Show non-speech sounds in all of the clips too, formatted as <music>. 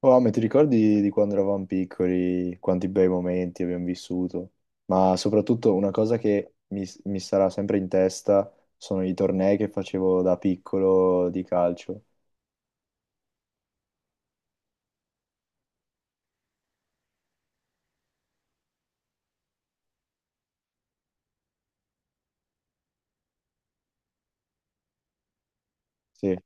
Oh, ma ti ricordi di quando eravamo piccoli, quanti bei momenti abbiamo vissuto? Ma soprattutto una cosa che mi sarà sempre in testa sono i tornei che facevo da piccolo di calcio. Sì.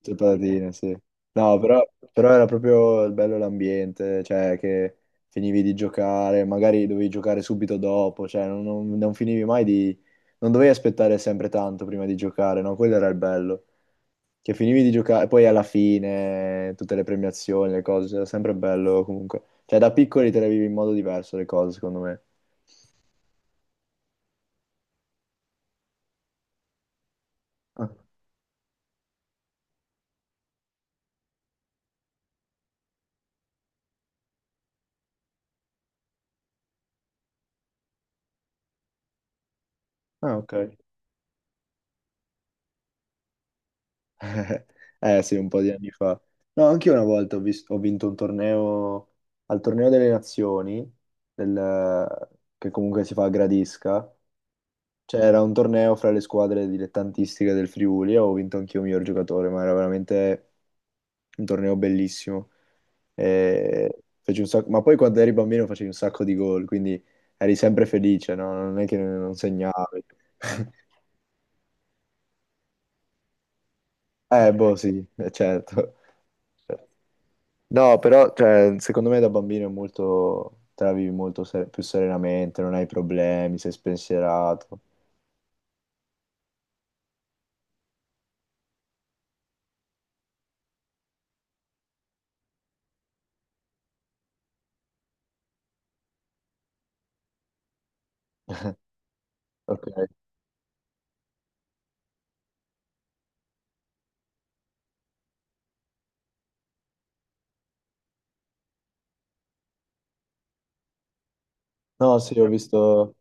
Tutte patatine, sì. No, però, però era proprio il bello l'ambiente, cioè che finivi di giocare, magari dovevi giocare subito dopo, cioè non finivi mai di... non dovevi aspettare sempre tanto prima di giocare, no? Quello era il bello. Che finivi di giocare, poi alla fine tutte le premiazioni, le cose, era sempre bello comunque. Cioè da piccoli te le vivi in modo diverso le cose, secondo me. Ah, ok. <laughs> Eh sì, un po' di anni fa. No, anche io una volta ho vinto un torneo, al torneo delle nazioni, del- che comunque si fa a Gradisca. C'era un torneo fra le squadre dilettantistiche del Friuli e ho vinto anch'io miglior giocatore, ma era veramente un torneo bellissimo. E feci un sacco- Ma poi quando eri bambino facevi un sacco di gol, quindi eri sempre felice, no? Non è che non segnavi. <laughs> Sì, certo. No, però cioè, secondo me da bambino è molto, te la vivi molto più serenamente, non hai problemi, sei spensierato. <laughs> Ok. No, sì,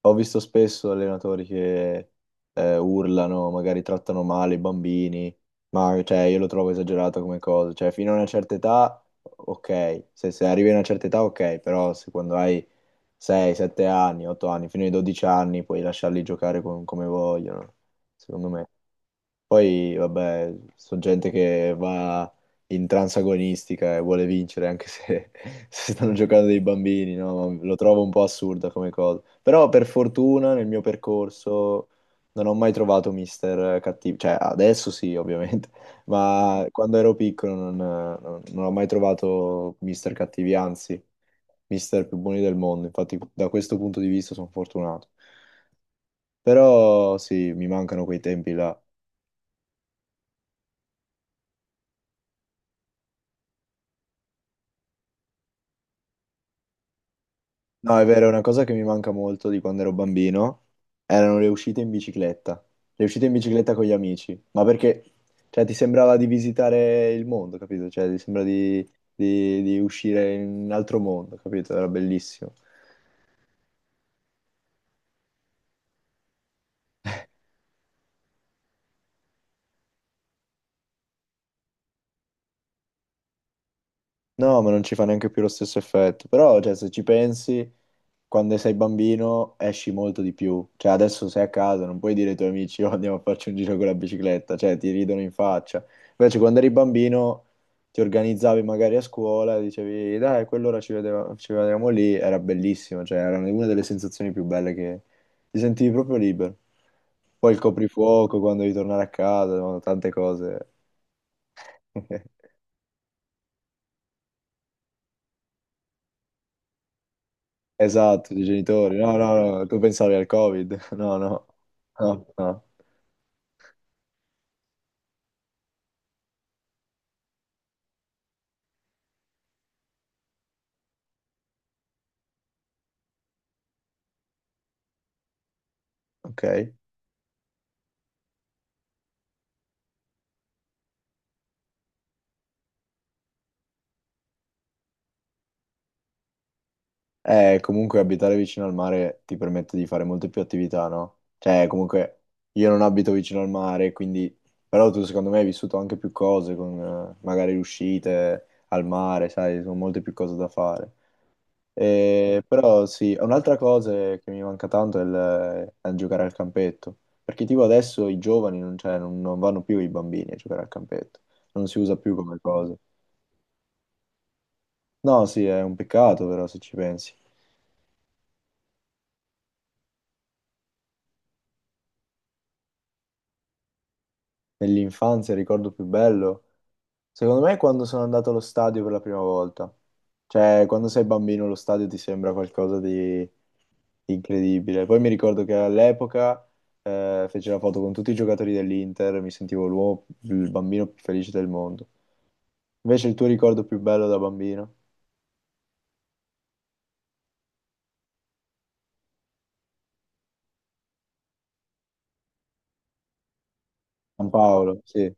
ho visto spesso allenatori che urlano, magari trattano male i bambini, ma cioè, io lo trovo esagerato come cosa. Cioè, fino a una certa età, ok, se arrivi a una certa età, ok, però se quando hai 6, 7 anni, 8 anni, fino ai 12 anni puoi lasciarli giocare come vogliono, secondo me. Poi, vabbè, sono gente che va in transagonistica e vuole vincere, anche se, <laughs> se stanno giocando dei bambini, no? Lo trovo un po' assurda come cosa. Però, per fortuna, nel mio percorso non ho mai trovato mister cattivo. Cioè, adesso sì, ovviamente, <laughs> ma quando ero piccolo non ho mai trovato mister cattivi, anzi, mister più buoni del mondo. Infatti, da questo punto di vista sono fortunato. Però, sì, mi mancano quei tempi là. No, è vero, è una cosa che mi manca molto di quando ero bambino erano le uscite in bicicletta, le uscite in bicicletta con gli amici, ma perché, cioè, ti sembrava di visitare il mondo, capito? Cioè, ti sembra di, di uscire in un altro mondo, capito? Era bellissimo. No, ma non ci fa neanche più lo stesso effetto. Però, cioè, se ci pensi, quando sei bambino esci molto di più. Cioè, adesso sei a casa, non puoi dire ai tuoi amici, <laughs> oh, andiamo a farci un giro con la bicicletta. Cioè, ti ridono in faccia. Invece, quando eri bambino, ti organizzavi magari a scuola, dicevi, dai, a quell'ora ci vedevamo lì. Era bellissimo. Cioè, era una delle sensazioni più belle che ti sentivi proprio libero. Poi il coprifuoco, quando devi tornare a casa, no, tante cose. <laughs> Esatto, dei genitori. No, no, no, tu pensavi al Covid. <laughs> No, no, no, no. Ok. Comunque abitare vicino al mare ti permette di fare molte più attività, no? Cioè, comunque io non abito vicino al mare, quindi... Però tu secondo me hai vissuto anche più cose con magari uscite al mare, sai, sono molte più cose da fare. Però sì, un'altra cosa che mi manca tanto è giocare al campetto, perché tipo adesso i giovani non, cioè, non vanno più i bambini a giocare al campetto, non si usa più come cosa. No, sì, è un peccato però se ci pensi. Nell'infanzia, il ricordo più bello, secondo me è quando sono andato allo stadio per la prima volta. Cioè, quando sei bambino lo stadio ti sembra qualcosa di incredibile. Poi mi ricordo che all'epoca feci la foto con tutti i giocatori dell'Inter, mi sentivo l'uomo, il bambino più felice del mondo. Invece il tuo ricordo più bello da bambino? San Paolo, sì.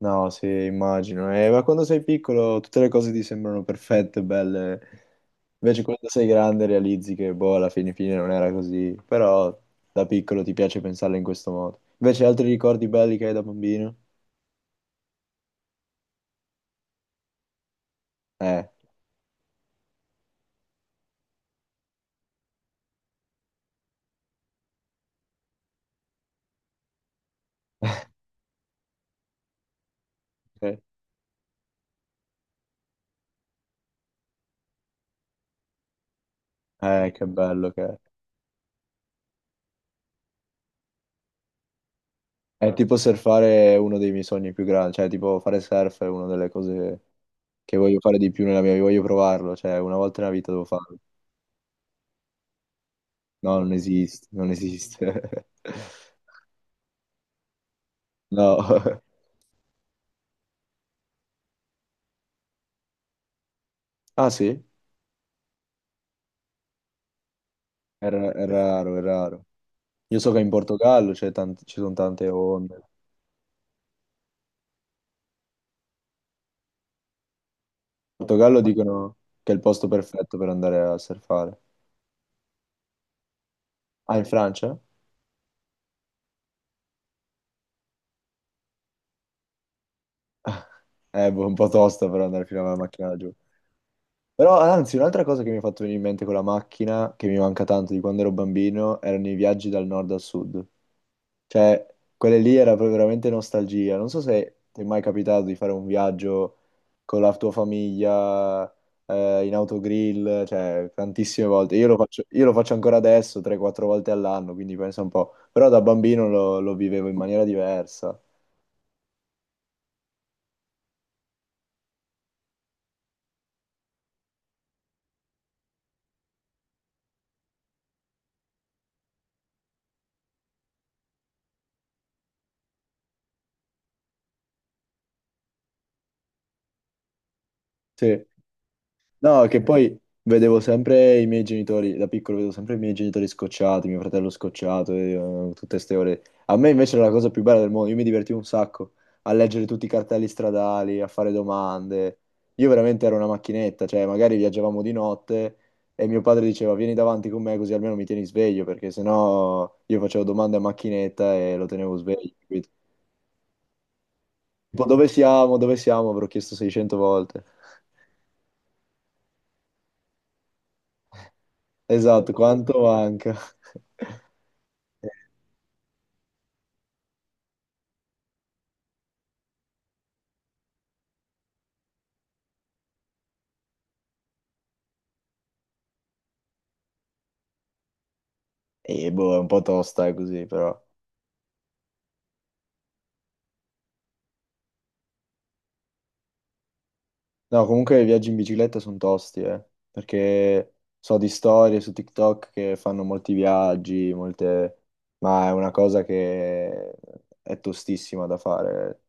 No, sì, immagino. Ma quando sei piccolo tutte le cose ti sembrano perfette, belle. Invece quando sei grande realizzi che, boh, alla fine, fine non era così. Però da piccolo ti piace pensarle in questo modo. Invece altri ricordi belli che hai da bambino? Eh, eh, che bello che è. È tipo surfare è uno dei miei sogni più grandi. Cioè, tipo fare surf è una delle cose che voglio fare di più nella mia vita. Voglio provarlo. Cioè, una volta nella vita devo farlo. No, non esiste, non esiste. <laughs> No. <laughs> Ah, sì? È raro, è raro. Io so che in Portogallo ci sono tante onde. In Portogallo dicono che è il posto perfetto per andare a surfare. Ah, in Francia? <laughs> Un po' tosto per andare fino alla macchina laggiù. Però, anzi, un'altra cosa che mi ha fatto venire in mente con la macchina, che mi manca tanto di quando ero bambino, erano i viaggi dal nord al sud. Cioè, quelle lì era proprio veramente nostalgia. Non so se ti è mai capitato di fare un viaggio con la tua famiglia, in autogrill, cioè, tantissime volte. Io lo faccio ancora adesso, 3-4 volte all'anno, quindi pensa un po'. Però da bambino lo vivevo in maniera diversa. Sì. No, che poi vedevo sempre i miei genitori, da piccolo vedevo sempre i miei genitori scocciati, mio fratello scocciato, tutte ste ore. A me invece era la cosa più bella del mondo, io mi divertivo un sacco a leggere tutti i cartelli stradali, a fare domande. Io veramente ero una macchinetta, cioè magari viaggiavamo di notte e mio padre diceva vieni davanti con me così almeno mi tieni sveglio, perché sennò io facevo domande a macchinetta e lo tenevo sveglio, capito? Tipo dove siamo, avrò chiesto 600 volte. Esatto, quanto manca? <laughs> E boh, è un po' tosta, così, però. No, comunque i viaggi in bicicletta sono tosti, perché so di storie su TikTok che fanno molti viaggi, molte... ma è una cosa che è tostissima da fare.